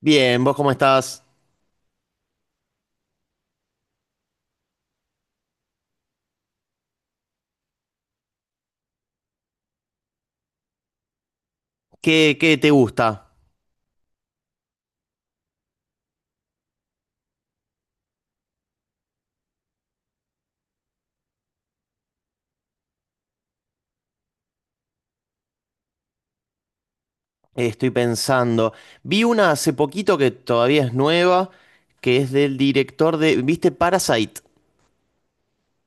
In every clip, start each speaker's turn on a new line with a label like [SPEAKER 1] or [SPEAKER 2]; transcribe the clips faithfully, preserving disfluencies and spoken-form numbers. [SPEAKER 1] Bien, ¿vos cómo estás? ¿Qué, qué te gusta? Eh, Estoy pensando. Vi una hace poquito que todavía es nueva, que es del director de, ¿viste Parasite?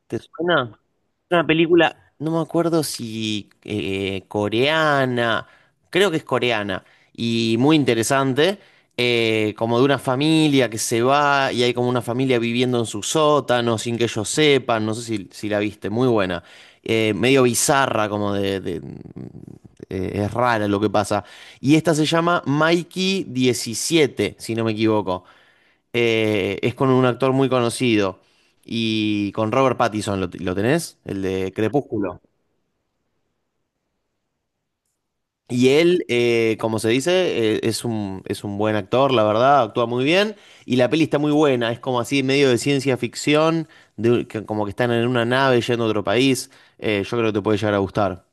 [SPEAKER 1] ¿Te suena? Una película, no me acuerdo si eh, coreana, creo que es coreana, y muy interesante, eh, como de una familia que se va y hay como una familia viviendo en su sótano sin que ellos sepan, no sé si, si la viste, muy buena. Eh, medio bizarra, como de, de- eh, es rara lo que pasa. Y esta se llama Mikey diecisiete, si no me equivoco. Eh, es con un actor muy conocido y con Robert Pattinson, ¿lo, lo tenés? El de Crepúsculo. Y él, eh, como se dice, eh, es un, es un buen actor, la verdad, actúa muy bien y la peli está muy buena, es como así medio de ciencia ficción, de- que- como que están en una nave yendo a otro país. Eh, yo creo que te puede llegar a gustar.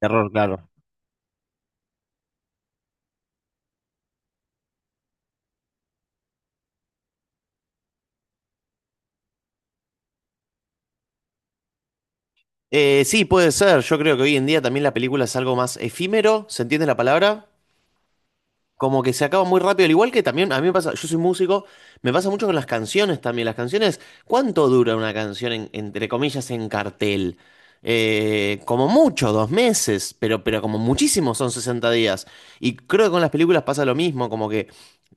[SPEAKER 1] Terror, claro. Eh, sí, puede ser, yo creo que hoy en día también la película es algo más efímero, ¿se entiende la palabra? Como que se acaba muy rápido, al igual que también a mí me pasa, yo soy músico, me pasa mucho con las canciones también. Las canciones, ¿cuánto dura una canción en- entre comillas en cartel? Eh, como mucho, dos meses, pero, pero como muchísimo son sesenta días. Y creo que con las películas pasa lo mismo, como que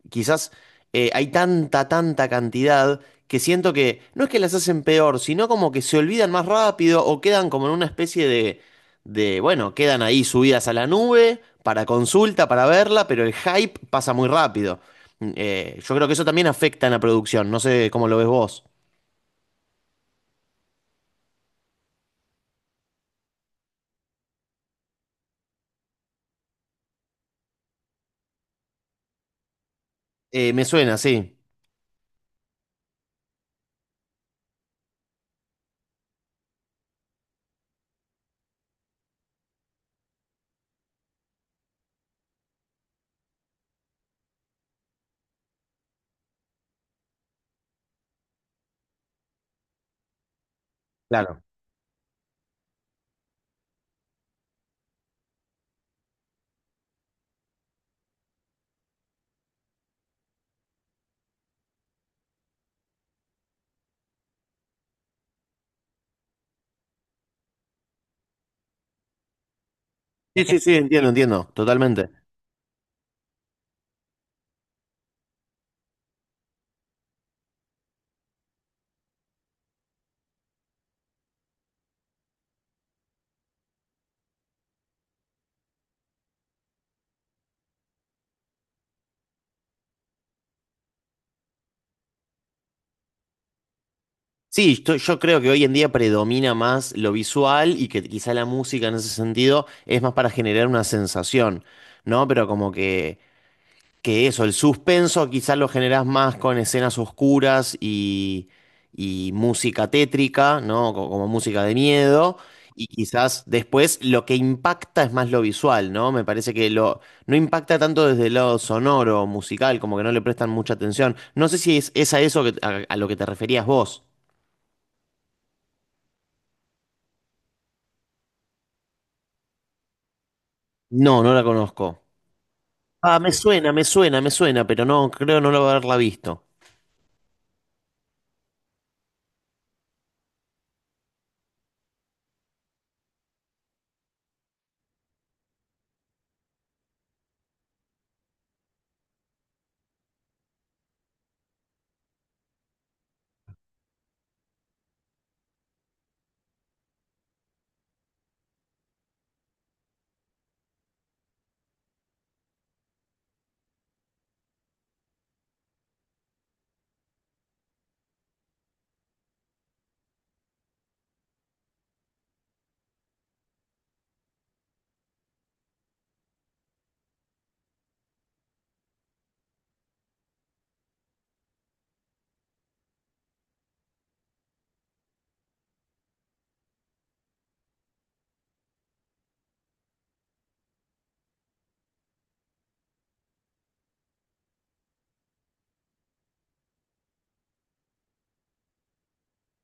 [SPEAKER 1] quizás eh, hay tanta, tanta cantidad que siento que no es que las hacen peor, sino como que se olvidan más rápido o quedan como en una especie de, de, bueno, quedan ahí subidas a la nube para consulta, para verla, pero el hype pasa muy rápido. Mm, eh, yo creo que eso también afecta en la producción, no sé cómo lo ves vos. Eh, me suena, sí. Claro. Sí, sí, sí, entiendo, entiendo, totalmente. Sí, yo, yo creo que hoy en día predomina más lo visual y que quizá la música en ese sentido es más para generar una sensación, ¿no? Pero como que, que eso, el suspenso quizá lo generás más con escenas oscuras y, y música tétrica, ¿no? Co- Como, música de miedo. Y quizás después lo que impacta es más lo visual, ¿no? Me parece que lo, no impacta tanto desde el lado sonoro, musical, como que no le prestan mucha atención. No sé si es, es a eso que, a a lo que te referías vos. No, no la conozco. Ah, me suena, me suena, me suena, pero no, creo no lo haberla visto.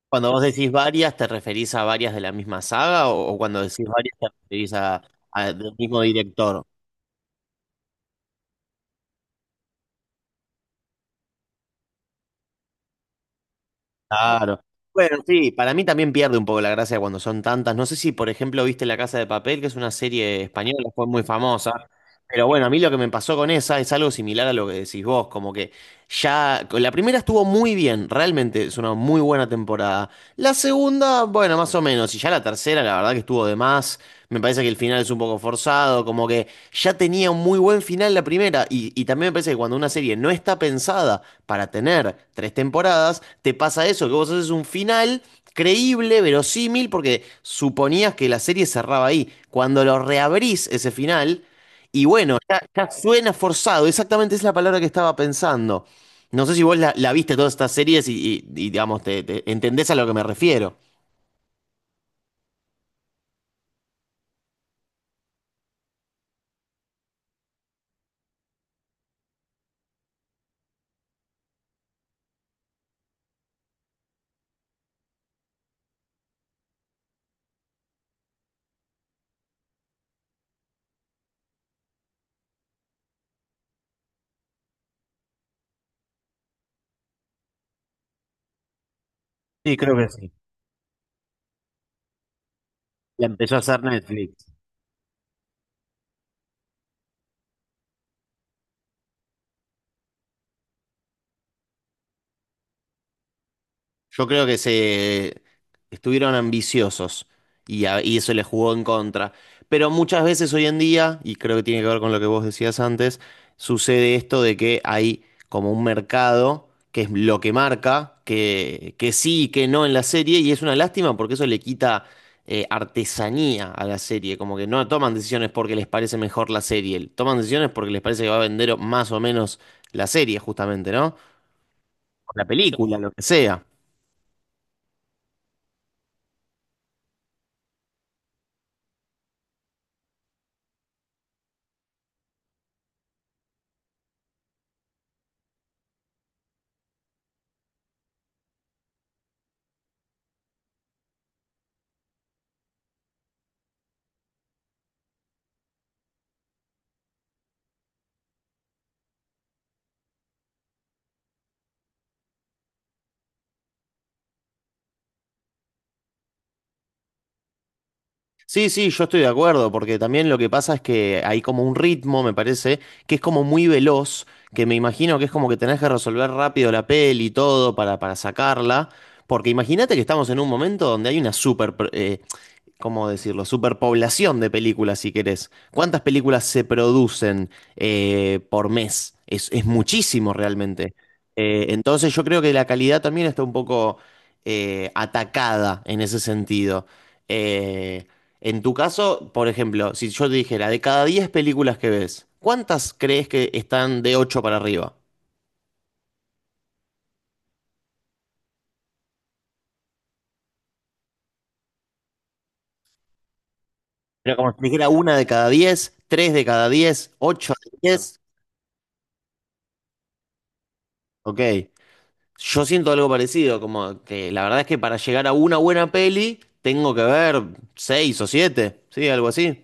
[SPEAKER 1] Cuando vos decís varias, ¿te referís a varias de la misma saga o, o cuando decís varias te referís a, a- del mismo director? Claro. Bueno, sí, para mí también pierde un poco la gracia cuando son tantas. No sé si, por ejemplo, viste La Casa de Papel, que es una serie española, fue muy famosa. Pero bueno, a mí lo que me pasó con esa es algo similar a lo que decís vos, como que ya la primera estuvo muy bien, realmente es una muy buena temporada. La segunda, bueno, más o menos, y ya la tercera, la verdad que estuvo de más. Me parece que el final es un poco forzado, como que ya tenía un muy buen final la primera, y, y también me parece que cuando una serie no está pensada para tener tres temporadas, te pasa eso, que vos haces un final creíble, verosímil, porque suponías que la serie cerraba ahí. Cuando lo reabrís ese final, y bueno, ya suena forzado, exactamente es la palabra que estaba pensando. No sé si vos la, la viste todas estas series y, y- y, digamos, te, te entendés a lo que me refiero. Sí, creo que sí. La empezó a hacer Netflix. Yo creo que se estuvieron ambiciosos y, a- y eso les jugó en contra. Pero muchas veces hoy en día, y creo que tiene que ver con lo que vos decías antes, sucede esto de que hay como un mercado que es lo que marca, que, que sí y que no en la serie, y es una lástima porque eso le quita eh, artesanía a la serie, como que no toman decisiones porque les parece mejor la serie, toman decisiones porque les parece que va a vender o- más o menos la serie, justamente, ¿no? O la, sí, película, lo que sea. Sí, sí, yo estoy de acuerdo, porque también lo que pasa es que hay como un ritmo, me parece, que es como muy veloz, que me imagino que es como que tenés que resolver rápido la peli y todo para, para sacarla, porque imagínate que estamos en un momento donde hay una super, eh, ¿cómo decirlo? Superpoblación de películas, si querés. ¿Cuántas películas se producen eh, por mes? Es, es muchísimo realmente. Eh, entonces yo creo que la calidad también está un poco eh, atacada en ese sentido. Eh, en tu caso, por ejemplo, si yo te dijera, de cada diez películas que ves, ¿cuántas crees que están de ocho para arriba? Era como si dijera una de cada diez, tres de cada diez, ocho de diez. Ok. Yo siento algo parecido, como que la verdad es que para llegar a una buena peli tengo que ver seis o siete, sí, algo así.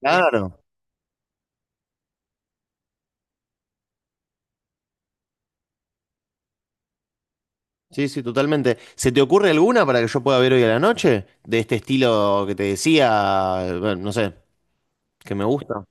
[SPEAKER 1] Claro. Sí, sí, totalmente. ¿Se te ocurre alguna para que yo pueda ver hoy a la noche? De este estilo que te decía, bueno, no sé, que me gusta.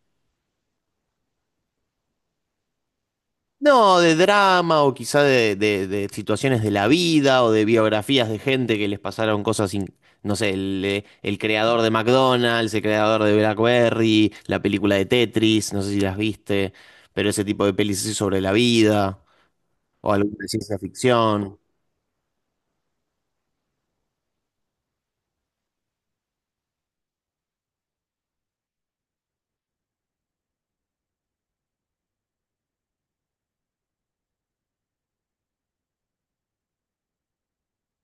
[SPEAKER 1] No, de drama o quizá de, de- de situaciones de la vida o de biografías de gente que les pasaron cosas, in- no sé, el, eh, el creador de McDonald's, el creador de BlackBerry, la película de Tetris, no sé si las viste, pero ese tipo de pelis así sobre la vida o alguna de ciencia ficción.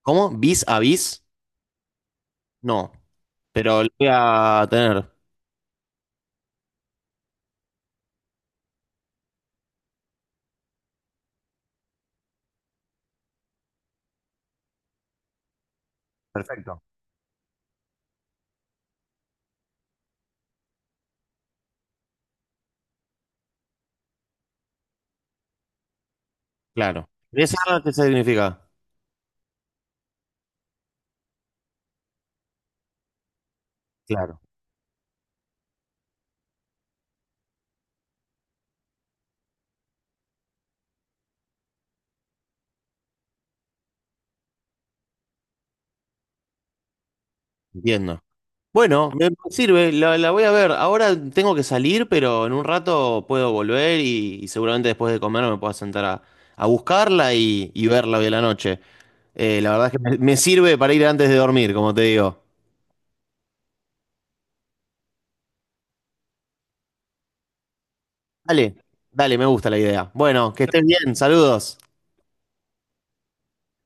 [SPEAKER 1] ¿Cómo? ¿Vis a vis? No, pero lo voy a tener. Perfecto. Claro. ¿Esa qué significa? Claro. Entiendo. Bueno, me sirve, la, la voy a ver. Ahora tengo que salir, pero en un rato puedo volver y, y seguramente después de comer me pueda sentar a, a buscarla y, y verla hoy a la noche. Eh, la verdad es que me, me sirve para ir antes de dormir, como te digo. Dale, dale, me gusta la idea. Bueno, que estés bien, saludos.